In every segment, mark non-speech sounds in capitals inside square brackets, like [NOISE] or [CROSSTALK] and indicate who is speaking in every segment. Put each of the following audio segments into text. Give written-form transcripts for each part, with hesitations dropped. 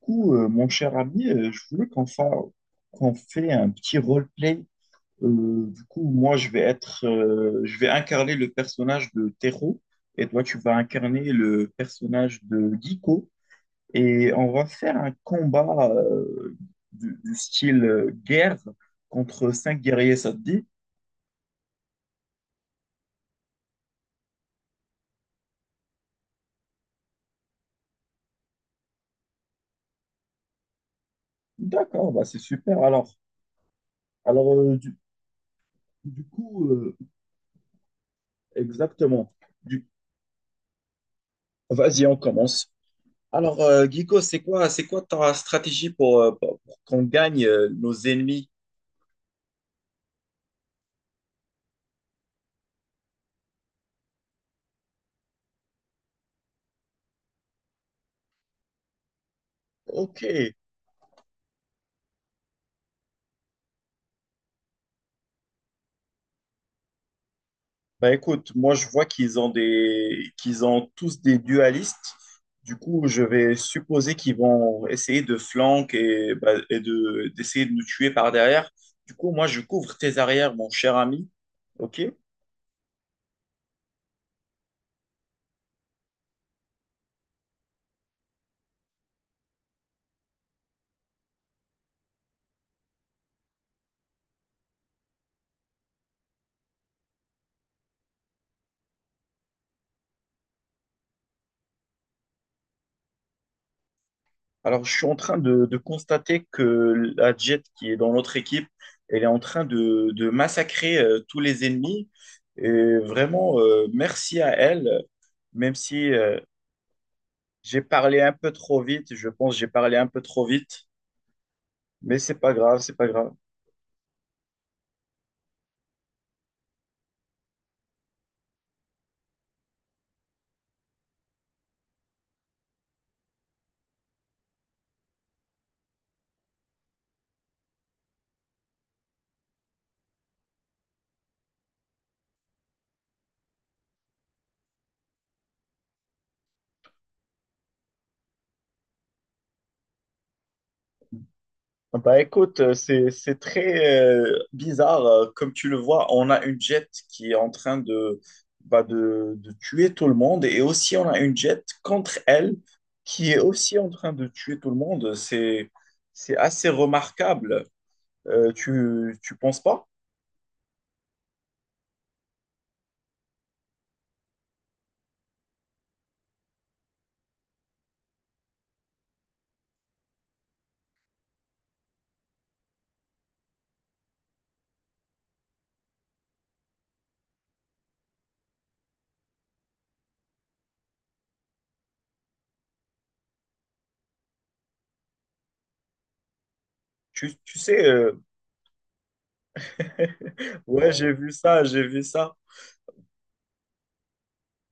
Speaker 1: Mon cher ami, je voulais qu'on fait un petit roleplay. Du coup, moi, je vais incarner le personnage de Tero et toi, tu vas incarner le personnage de Giko. Et on va faire un combat du style guerre contre cinq guerriers, ça te dit? D'accord, bah c'est super. Alors, du coup, exactement. Du- Vas-y, on commence. Alors, Guico, c'est quoi ta stratégie pour qu'on gagne nos ennemis? Ok. Bah écoute, moi je vois qu'ils ont tous des dualistes. Du coup, je vais supposer qu'ils vont essayer de flanquer et d'essayer de nous tuer par derrière. Du coup, moi je couvre tes arrières, mon cher ami. Ok? Alors, je suis en train de constater que la Jet qui est dans notre équipe, elle est en train de massacrer tous les ennemis. Et vraiment, merci à elle, même si j'ai parlé un peu trop vite. Je pense que j'ai parlé un peu trop vite, mais c'est pas grave, c'est pas grave. Ah bah écoute, c'est très bizarre. Comme tu le vois, on a une jet qui est en train de tuer tout le monde et aussi on a une jet contre elle qui est aussi en train de tuer tout le monde. C'est assez remarquable. Tu penses pas? Tu sais, [LAUGHS] Ouais. J'ai vu ça, j'ai vu ça.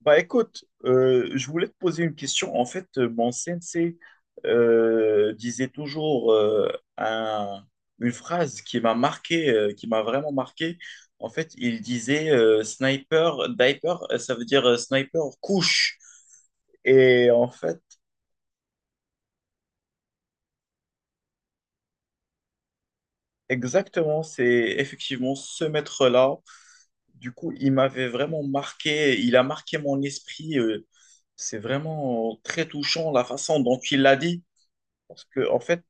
Speaker 1: Bah écoute, je voulais te poser une question. En fait, mon sensei disait toujours un- une phrase qui m'a marqué, qui m'a vraiment marqué. En fait, il disait sniper, diaper, ça veut dire sniper couche. Et en fait, exactement, c'est effectivement ce maître-là. Du coup, il m'avait vraiment marqué, il a marqué mon esprit. C'est vraiment très touchant la façon dont il l'a dit. Parce que, en fait.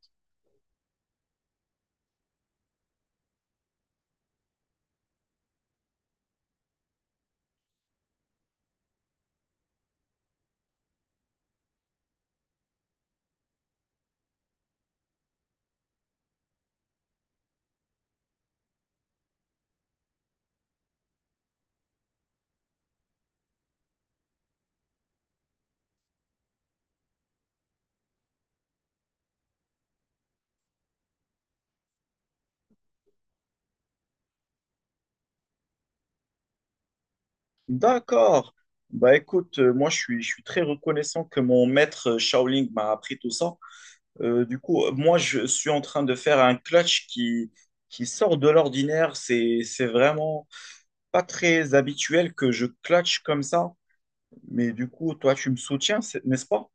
Speaker 1: D'accord. Bah écoute, moi je suis très reconnaissant que mon maître Shaolin m'a appris tout ça. Du coup, moi je suis en train de faire un clutch qui sort de l'ordinaire. C'est vraiment pas très habituel que je clutch comme ça. Mais du coup, toi tu me soutiens, n'est-ce pas?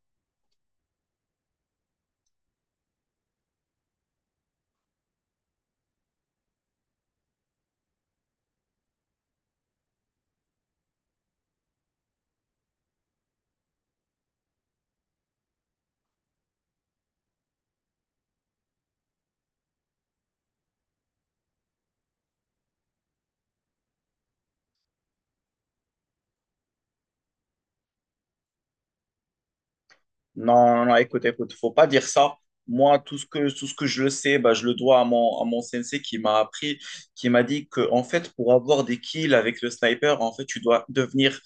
Speaker 1: Non, non, écoute, écoute, faut pas dire ça. Moi, tout ce que je le sais, bah, je le dois à mon sensei qui m'a appris, qui m'a dit que, en fait, pour avoir des kills avec le sniper, en fait, tu dois devenir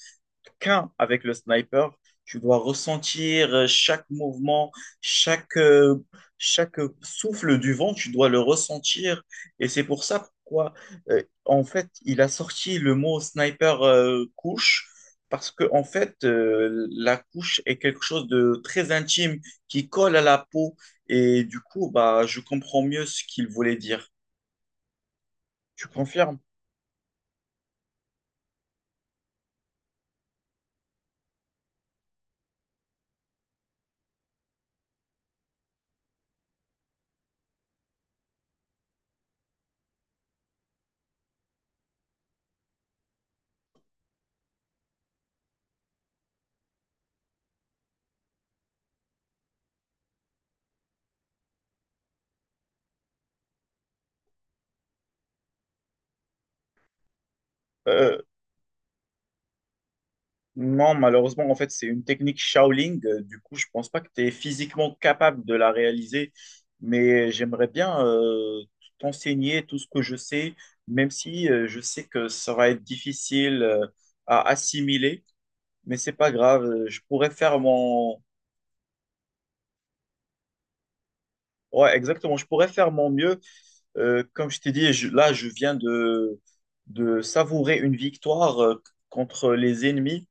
Speaker 1: qu'un avec le sniper. Tu dois ressentir chaque mouvement, chaque, euh, chaque souffle du vent, tu dois le ressentir. Et c'est pour ça pourquoi, en fait, il a sorti le mot sniper couche parce que, en fait, la couche est quelque chose de très intime qui colle à la peau. Et du coup, bah, je comprends mieux ce qu'il voulait dire. Tu confirmes? Euh, non, malheureusement, en fait, c'est une technique Shaolin. Du coup, je pense pas que tu es physiquement capable de la réaliser. Mais j'aimerais bien t'enseigner tout ce que je sais, même si je sais que ça va être difficile à assimiler. Mais c'est pas grave. Je pourrais faire mon. Ouais, exactement. Je pourrais faire mon mieux. Comme je t'ai dit, là, je viens de savourer une victoire contre les ennemis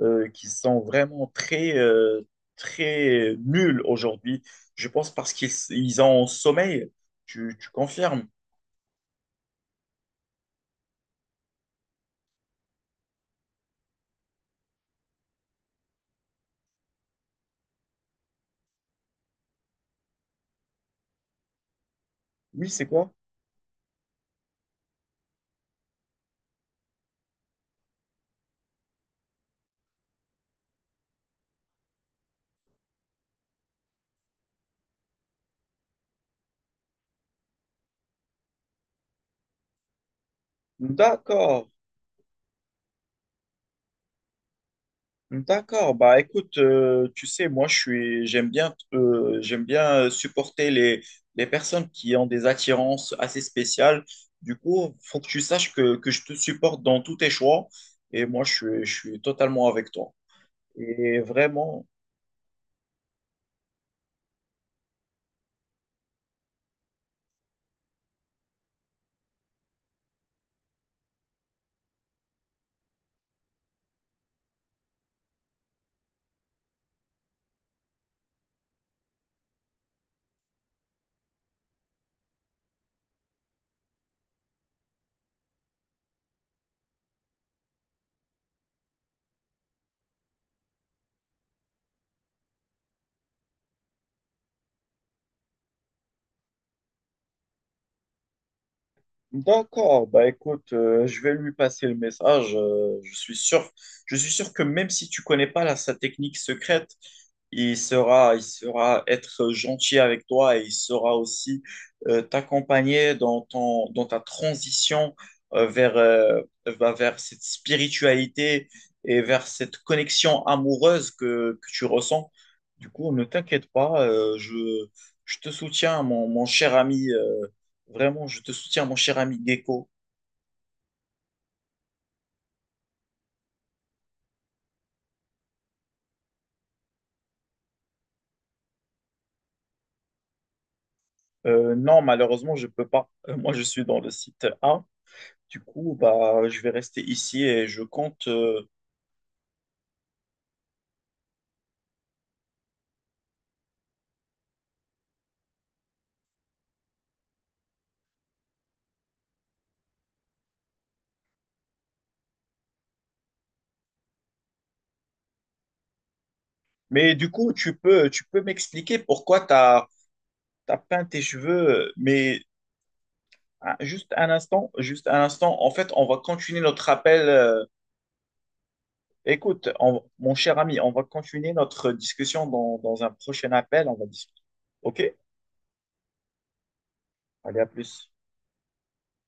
Speaker 1: qui sont vraiment très, très nuls aujourd'hui. Je pense parce qu'ils ils ont sommeil. Tu confirmes? Oui, c'est quoi? D'accord. D'accord, bah écoute, tu sais, moi j'aime bien supporter les personnes qui ont des attirances assez spéciales. Du coup, faut que tu saches que je te supporte dans tous tes choix et moi je suis totalement avec toi. Et vraiment. D'accord, bah écoute, je vais lui passer le message. Je suis sûr que même si tu connais pas sa technique secrète, il sera être gentil avec toi et il sera aussi t'accompagner dans dans ta transition euh, vers, euh, bah, vers cette spiritualité et vers cette connexion amoureuse que tu ressens. Du coup, ne t'inquiète pas, je te soutiens, mon cher ami. Vraiment, je te soutiens, mon cher ami Gecko. Non, malheureusement, je peux pas. Moi, je suis dans le site A. Du coup, bah, je vais rester ici et je compte. Mais du coup, tu peux m'expliquer pourquoi tu as peint tes cheveux. Mais ah, juste un instant, juste un instant. En fait, on va continuer notre appel. Écoute, mon cher ami, on va continuer notre discussion dans un prochain appel. On va discuter. OK? Allez, à plus.